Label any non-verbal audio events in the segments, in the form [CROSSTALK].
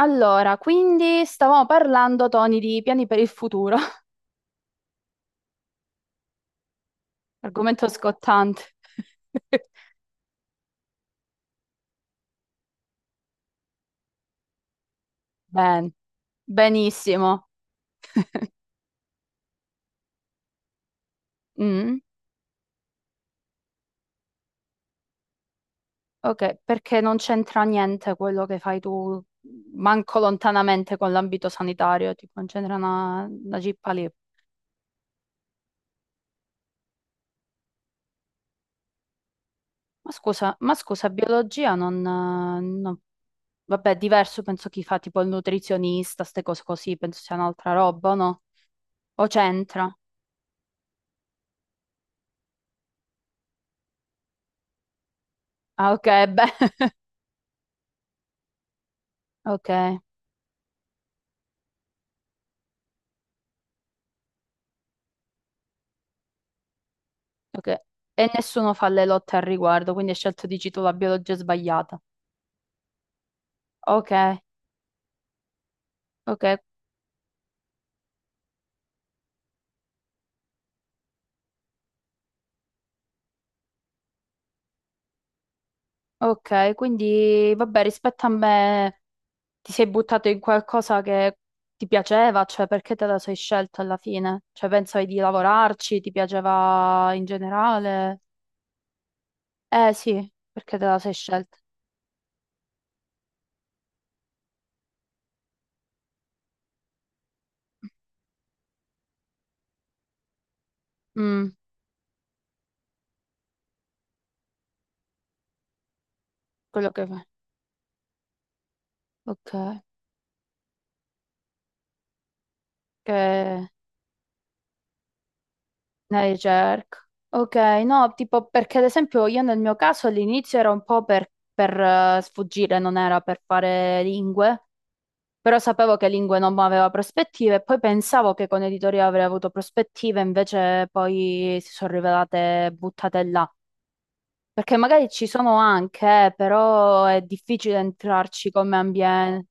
Allora, quindi stavamo parlando, Tony, di piani per il futuro, [LAUGHS] argomento scottante. [LAUGHS] Ben, benissimo. Mm, ok, perché non c'entra niente quello che fai tu, manco lontanamente con l'ambito sanitario, tipo non c'entra una cippa lì. Ma scusa, biologia non, no. Vabbè, diverso penso chi fa tipo il nutrizionista, ste cose così, penso sia un'altra roba, no? O c'entra? Ah, ok, beh. [LAUGHS] Ok. Ok. E nessuno fa le lotte al riguardo, quindi hai scelto, dici tu, la biologia sbagliata. Ok, ok, ok, quindi vabbè, rispetto a me ti sei buttato in qualcosa che ti piaceva, cioè perché te la sei scelta alla fine? Cioè pensavi di lavorarci, ti piaceva in generale? Eh sì, perché te la sei scelta? Mm, quello che fai. Ok, ok. La ricerca. Ok, no, tipo perché ad esempio io nel mio caso all'inizio era un po' per sfuggire, non era per fare lingue, però sapevo che lingue non aveva prospettive e poi pensavo che con editoria avrei avuto prospettive, invece poi si sono rivelate buttate là. Perché magari ci sono anche, però è difficile entrarci come ambiente.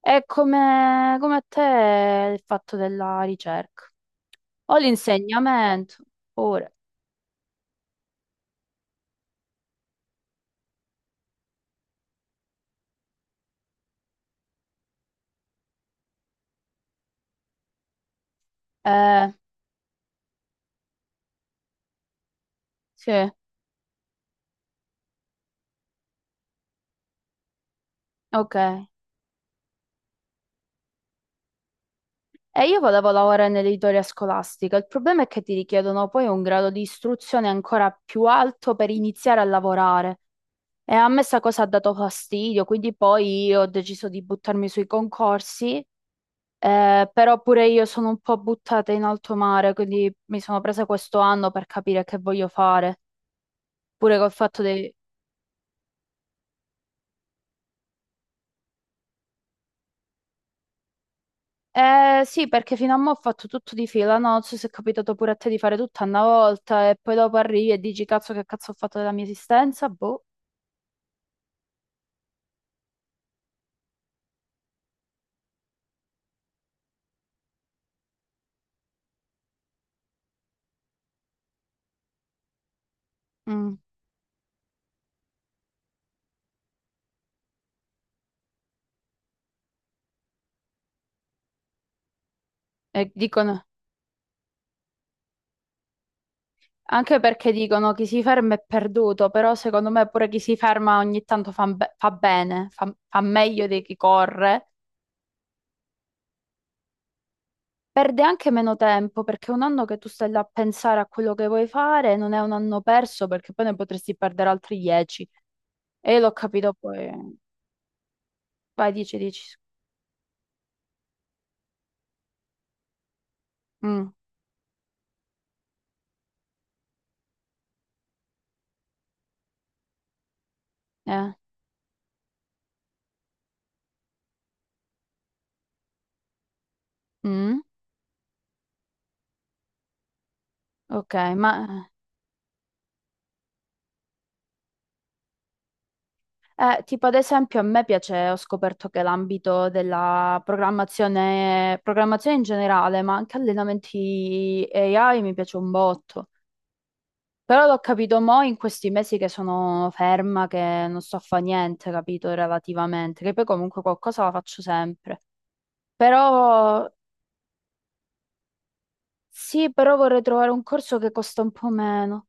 È come a te il fatto della ricerca. O l'insegnamento, pure. Eh, Sì, ok. E io volevo lavorare nell'editoria scolastica. Il problema è che ti richiedono poi un grado di istruzione ancora più alto per iniziare a lavorare. E a me sta cosa ha dato fastidio, quindi poi io ho deciso di buttarmi sui concorsi, però pure io sono un po' buttata in alto mare, quindi mi sono presa questo anno per capire che voglio fare, pure col fatto dei. Sì, perché fino a mo' ho fatto tutto di fila, no? Non so se è capitato pure a te di fare tutto a una volta e poi dopo arrivi e dici cazzo che cazzo ho fatto della mia esistenza, boh. Mm. E dicono, anche perché dicono chi si ferma è perduto, però secondo me pure chi si ferma ogni tanto fa, fa bene, fa meglio di chi corre. Perde anche meno tempo perché un anno che tu stai là a pensare a quello che vuoi fare non è un anno perso perché poi ne potresti perdere altri 10. E io l'ho capito poi. Vai, dici, dici. Mm, eh. Mm, ok, ma tipo ad esempio a me piace, ho scoperto che l'ambito della programmazione, programmazione in generale, ma anche allenamenti AI mi piace un botto. Però l'ho capito mo in questi mesi che sono ferma, che non sto a fare niente, capito, relativamente, che poi comunque qualcosa la faccio sempre. Però sì, però vorrei trovare un corso che costa un po' meno,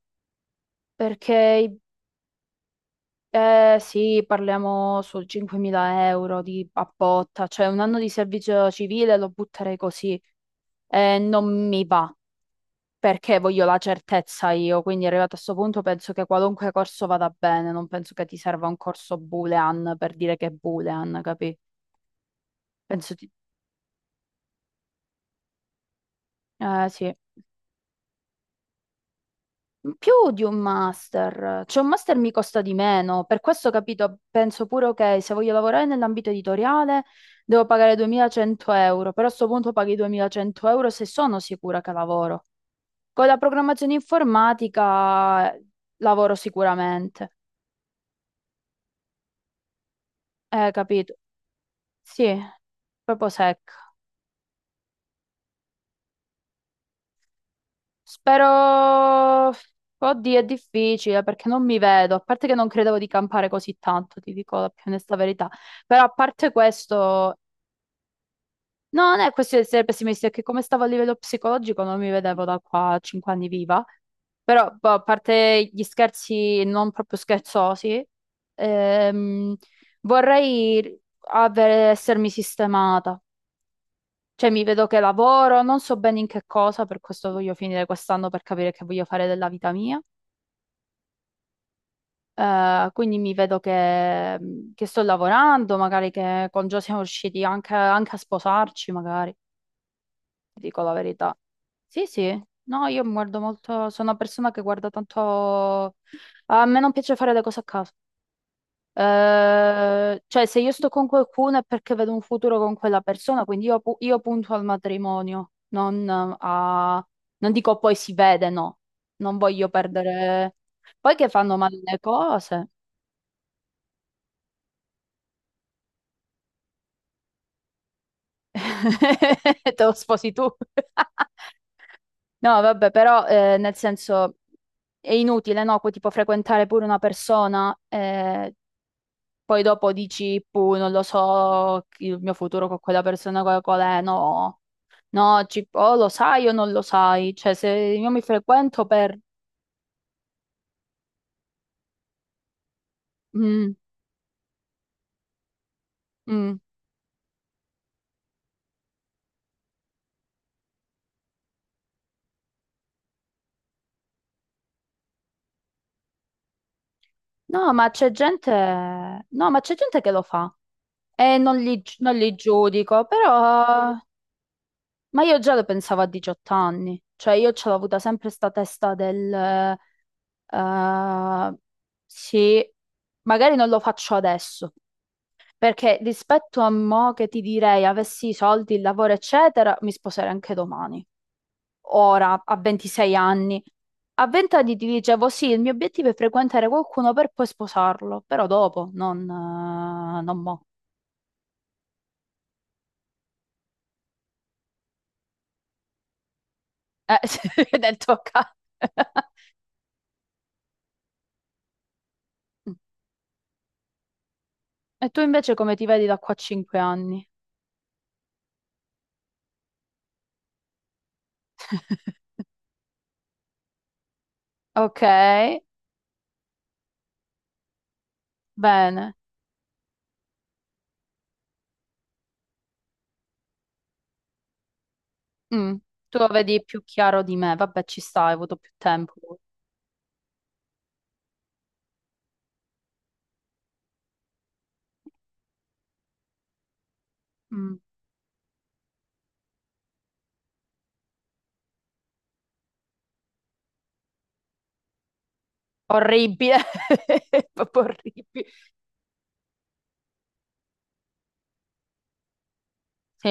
perché i. Sì, parliamo su 5.000 euro di a botta, cioè un anno di servizio civile lo butterei così. Non mi va, perché voglio la certezza io, quindi arrivato a questo punto penso che qualunque corso vada bene, non penso che ti serva un corso boolean per dire che è boolean, capì? Penso ti. Sì. Più di un master, cioè un master mi costa di meno, per questo capito, penso pure ok, se voglio lavorare nell'ambito editoriale devo pagare 2.100 euro, però a sto punto paghi 2.100 euro se sono sicura che lavoro. Con la programmazione informatica, lavoro sicuramente, capito? Sì, proprio secca. Spero, oddio, è difficile perché non mi vedo, a parte che non credevo di campare così tanto, ti dico la più onesta verità. Però a parte questo. No, non è questione di essere pessimisti, è che come stavo a livello psicologico non mi vedevo da qua a 5 anni viva. Però, boh, a parte gli scherzi non proprio scherzosi, ehm, vorrei essermi sistemata. Cioè, mi vedo che lavoro, non so bene in che cosa, per questo voglio finire quest'anno per capire che voglio fare della vita mia. Quindi mi vedo che sto lavorando, magari che con Gio siamo riusciti anche, anche a sposarci, magari. Ti dico la verità. Sì, sì, no, io mi guardo molto, sono una persona che guarda tanto. A me non piace fare le cose a caso. Cioè, se io sto con qualcuno è perché vedo un futuro con quella persona, quindi io punto al matrimonio, non a. Non dico poi si vede, no. Non voglio perdere. Poi che fanno male le cose. [LAUGHS] Te lo sposi tu. [LAUGHS] No, vabbè, però nel senso è inutile, no? Poi, tipo frequentare pure una persona, poi dopo dici, puh, non lo so, il mio futuro con quella persona qual è, no, no, o lo sai o non lo sai, cioè se io mi frequento per. Mm, mm. No, ma c'è gente. No, ma c'è gente che lo fa e non li giudico, però. Ma io già lo pensavo a 18 anni, cioè io ce l'ho avuta sempre sta testa del. Eh, sì, magari non lo faccio adesso, perché rispetto a mo che ti direi avessi i soldi, il lavoro, eccetera, mi sposerei anche domani. Ora, a 26 anni. A 20 anni ti dicevo sì, il mio obiettivo è frequentare qualcuno per poi sposarlo, però dopo, non mo. [LAUGHS] Sì, nel tuo caso. [LAUGHS] E tu invece come ti vedi da qua a 5 anni? [LAUGHS] Ok, bene. Mm. Tu lo vedi più chiaro di me. Vabbè, ci sta, hai avuto più tempo. Mm. Orribile, [LAUGHS] proprio orribile. Sì,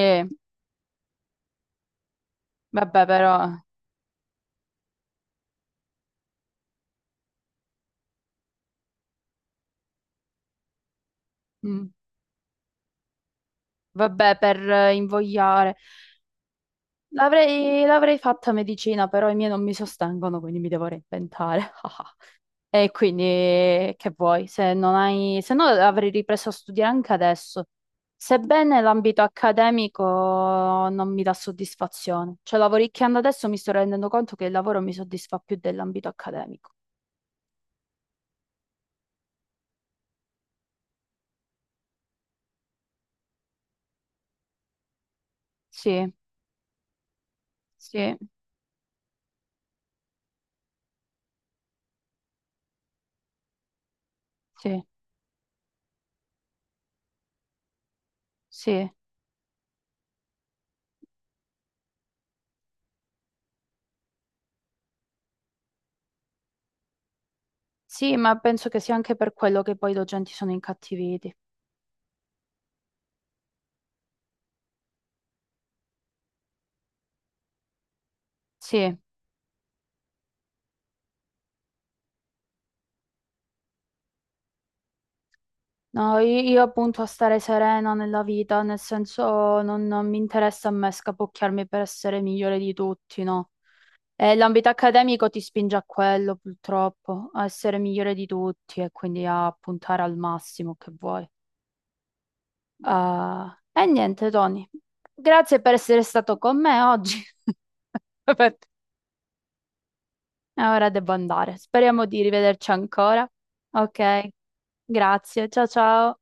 vabbè, però. Mm. Vabbè, per invogliare. L'avrei fatta medicina, però i miei non mi sostengono, quindi mi devo reinventare. [LAUGHS] E quindi che vuoi? Se non hai, se no avrei ripreso a studiare anche adesso. Sebbene l'ambito accademico non mi dà soddisfazione, cioè lavoricchiando adesso mi sto rendendo conto che il lavoro mi soddisfa più dell'ambito accademico. Sì, sì, sì, sì, sì, ma penso che sia anche per quello che poi i docenti sono incattiviti. Sì, no, io appunto a stare serena nella vita, nel senso non mi interessa a me scapocchiarmi per essere migliore di tutti, no? L'ambito accademico ti spinge a quello, purtroppo, a essere migliore di tutti e quindi a puntare al massimo che vuoi. Ah, e niente, Tony, grazie per essere stato con me oggi. [LAUGHS] E ora devo andare. Speriamo di rivederci ancora. Ok, grazie. Ciao ciao.